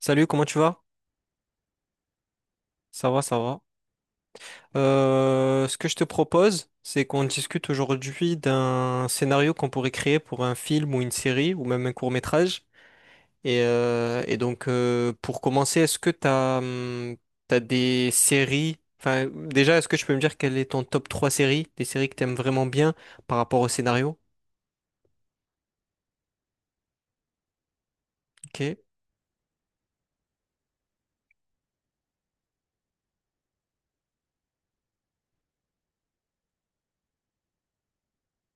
Salut, comment tu vas? Ça va. Ce que je te propose, c'est qu'on discute aujourd'hui d'un scénario qu'on pourrait créer pour un film ou une série ou même un court-métrage. Et donc, pour commencer, est-ce que t'as des séries? Enfin, déjà, est-ce que tu peux me dire quel est ton top 3 séries, des séries que t'aimes vraiment bien par rapport au scénario? Ok,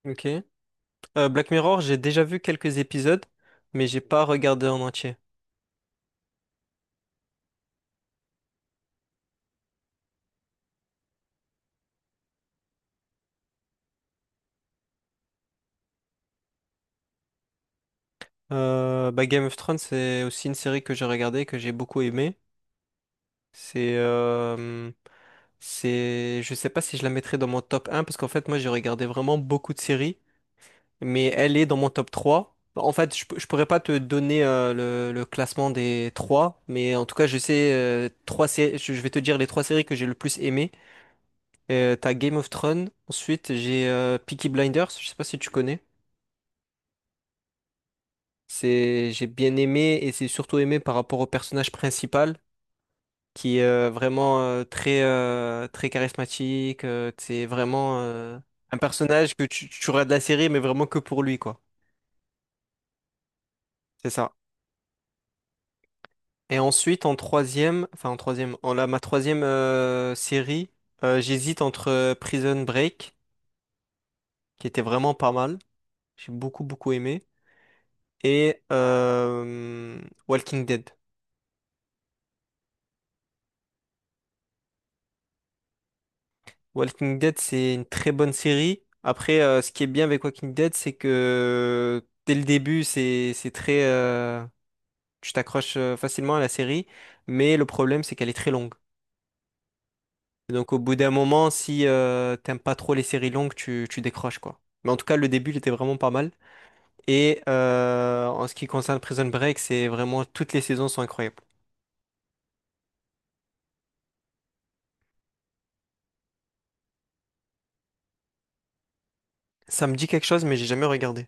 ok. Black Mirror, j'ai déjà vu quelques épisodes, mais j'ai pas regardé en entier. Bah Game of Thrones, c'est aussi une série que j'ai regardée, que j'ai beaucoup aimée. C'est, euh, je sais pas si je la mettrais dans mon top un parce qu'en fait, moi, j'ai regardé vraiment beaucoup de séries, mais elle est dans mon top trois. Bah, en fait, je pourrais pas te donner le classement des trois, mais en tout cas, je sais trois sé- je vais te dire les trois séries que j'ai le plus aimées. T'as Game of Thrones, ensuite j'ai Peaky Blinders, je sais pas si tu connais. C'est, j'ai bien aimé et c'est surtout aimé par rapport au personnage principal, qui est vraiment très très charismatique. C'est vraiment un personnage que tu auras de la série, mais vraiment que pour lui, quoi. C'est ça. Et ensuite, en troisième, enfin en troisième, en la ma troisième série, j'hésite entre Prison Break, qui était vraiment pas mal, j'ai beaucoup aimé, et Walking Dead. Walking Dead, c'est une très bonne série. Après, ce qui est bien avec Walking Dead, c'est que dès le début, c'est très tu t'accroches facilement à la série, mais le problème c'est qu'elle est très longue. Et donc au bout d'un moment, si t'aimes pas trop les séries longues, tu décroches quoi. Mais en tout cas, le début, il était vraiment pas mal. Et en ce qui concerne Prison Break, c'est vraiment toutes les saisons sont incroyables. Ça me dit quelque chose, mais j'ai jamais regardé.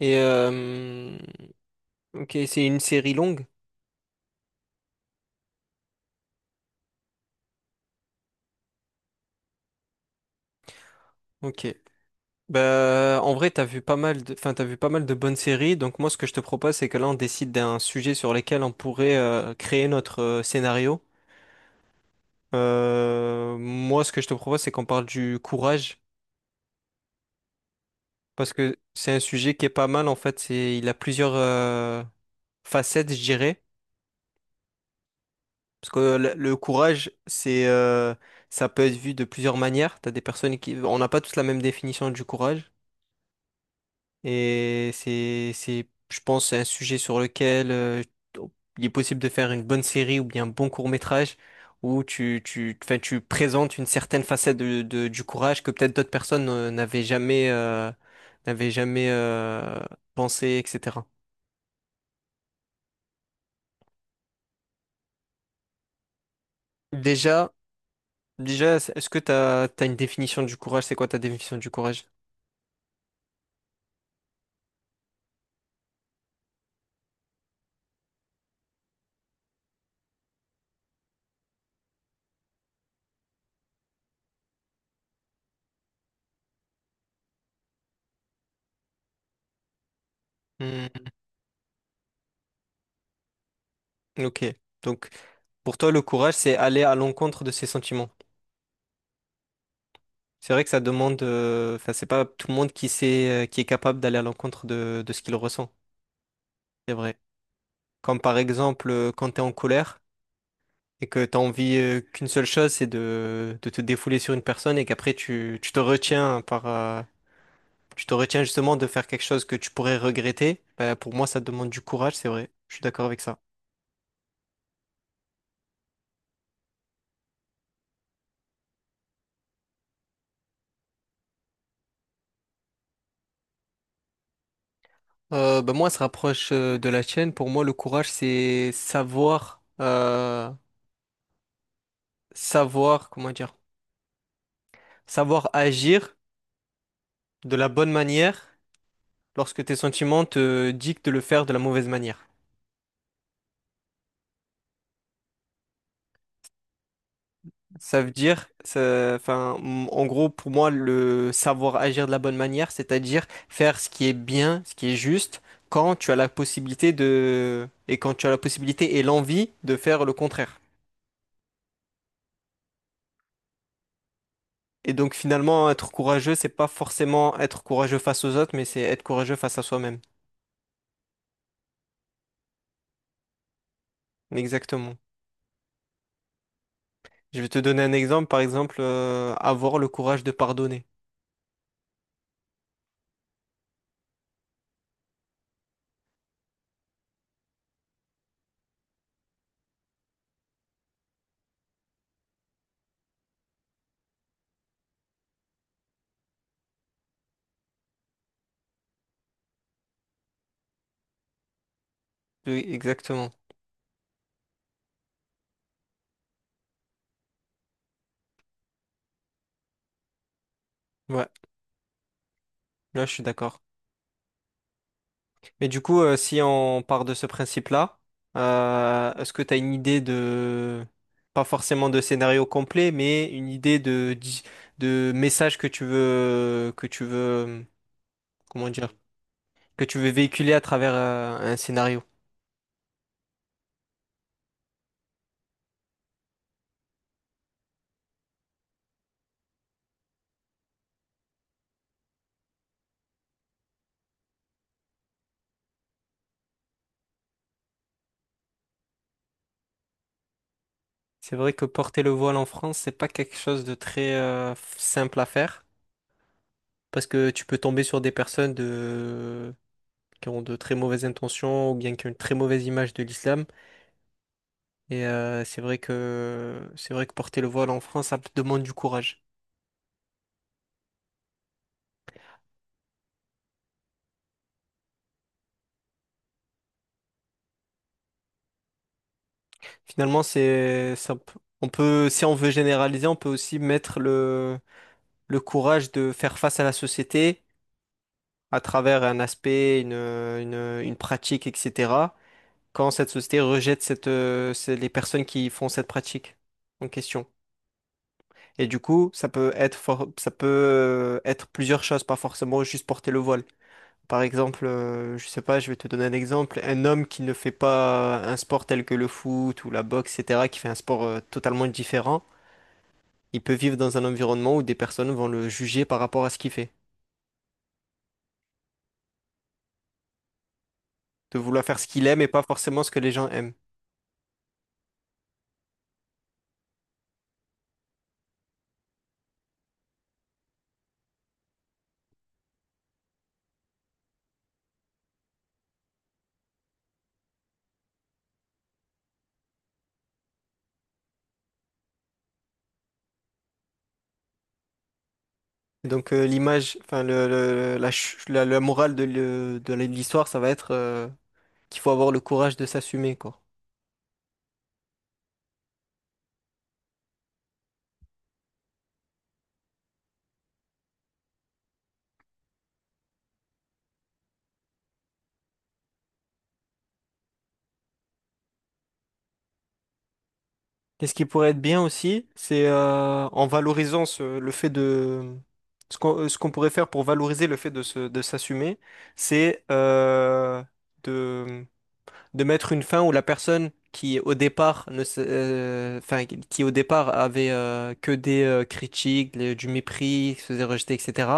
Et ok, c'est une série longue. Ok. Bah, en vrai, t'as vu pas mal de, enfin, t'as vu pas mal de bonnes séries. Donc moi, ce que je te propose, c'est que là, on décide d'un sujet sur lequel on pourrait créer notre scénario. Moi, ce que je te propose, c'est qu'on parle du courage, parce que c'est un sujet qui est pas mal, en fait. C'est, il a plusieurs facettes, je dirais. Parce que le courage, ça peut être vu de plusieurs manières. T'as des personnes qui, on n'a pas tous la même définition du courage. Et je pense, un sujet sur lequel il est possible de faire une bonne série ou bien un bon court-métrage où enfin, tu présentes une certaine facette de, du courage que peut-être d'autres personnes n'avaient jamais pensé, etc. Déjà, déjà, est-ce que t'as une définition du courage? C'est quoi ta définition du courage? Hmm, ok. Donc, pour toi, le courage, c'est aller à l'encontre de ses sentiments. C'est vrai que ça demande, enfin, c'est pas tout le monde qui sait, qui est capable d'aller à l'encontre de ce qu'il ressent. C'est vrai. Comme par exemple, quand t'es en colère et que t'as envie, qu'une seule chose, c'est de te défouler sur une personne et qu'après tu te retiens tu te retiens justement de faire quelque chose que tu pourrais regretter. Bah, pour moi, ça demande du courage, c'est vrai. Je suis d'accord avec ça. Bah, moi, ça se rapproche de la tienne. Pour moi, le courage, c'est savoir, comment dire, savoir agir de la bonne manière lorsque tes sentiments te dictent de le faire de la mauvaise manière. Ça veut dire, ça- enfin, m- En gros, pour moi, le savoir agir de la bonne manière, c'est-à-dire faire ce qui est bien, ce qui est juste, quand tu as la possibilité et quand tu as la possibilité et l'envie de faire le contraire. Et donc, finalement, être courageux, c'est pas forcément être courageux face aux autres, mais c'est être courageux face à soi-même. Exactement. Je vais te donner un exemple, par exemple, avoir le courage de pardonner. Oui, exactement. Ouais, là, je suis d'accord. Mais du coup, si on part de ce principe-là, est-ce que tu as une idée de, pas forcément de scénario complet, mais une idée de, de message que tu veux, comment dire, que tu veux véhiculer à travers un scénario? C'est vrai que porter le voile en France, c'est pas quelque chose de très simple à faire, parce que tu peux tomber sur des personnes de, qui ont de très mauvaises intentions ou bien qui ont une très mauvaise image de l'islam. Et c'est vrai que porter le voile en France, ça demande du courage. Finalement, c'est ça, on peut, si on veut généraliser, on peut aussi mettre le courage de faire face à la société à travers un aspect, une pratique, etc. Quand cette société rejette cette, c'est les personnes qui font cette pratique en question. Et du coup, ça peut être for- ça peut être plusieurs choses, pas forcément juste porter le voile. Par exemple, je sais pas, je vais te donner un exemple. Un homme qui ne fait pas un sport tel que le foot ou la boxe, etc., qui fait un sport totalement différent, il peut vivre dans un environnement où des personnes vont le juger par rapport à ce qu'il fait, de vouloir faire ce qu'il aime et pas forcément ce que les gens aiment. L'image, enfin la morale de l'histoire, ça va être qu'il faut avoir le courage de s'assumer, quoi. Et ce qui pourrait être bien aussi, c'est en valorisant le fait de... Ce qu'on pourrait faire pour valoriser le fait de de s'assumer, c'est de mettre une fin où la personne qui au départ ne s- enfin qui au départ avait que des critiques, du mépris, se faisait rejeter, etc.,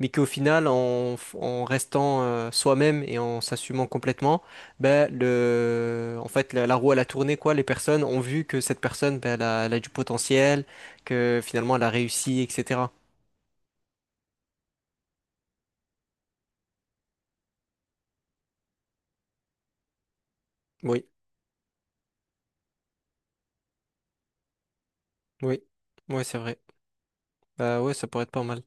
mais qu'au final en restant soi-même et en s'assumant complètement, ben le en fait la, la roue elle a tourné quoi, les personnes ont vu que cette personne ben, elle a du potentiel, que finalement elle a réussi, etc. Oui. Oui. Oui, ouais, c'est vrai. Bah ouais, ça pourrait être pas mal.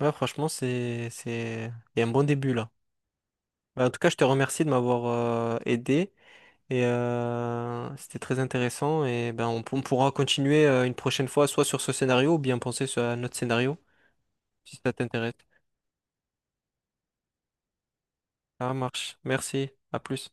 Ouais, franchement, c'est il y a un bon début là. Bah, en tout cas, je te remercie de m'avoir aidé et c'était très intéressant et ben on pourra continuer une prochaine fois soit sur ce scénario ou bien penser sur un autre scénario si ça t'intéresse. Ça marche. Merci. À plus.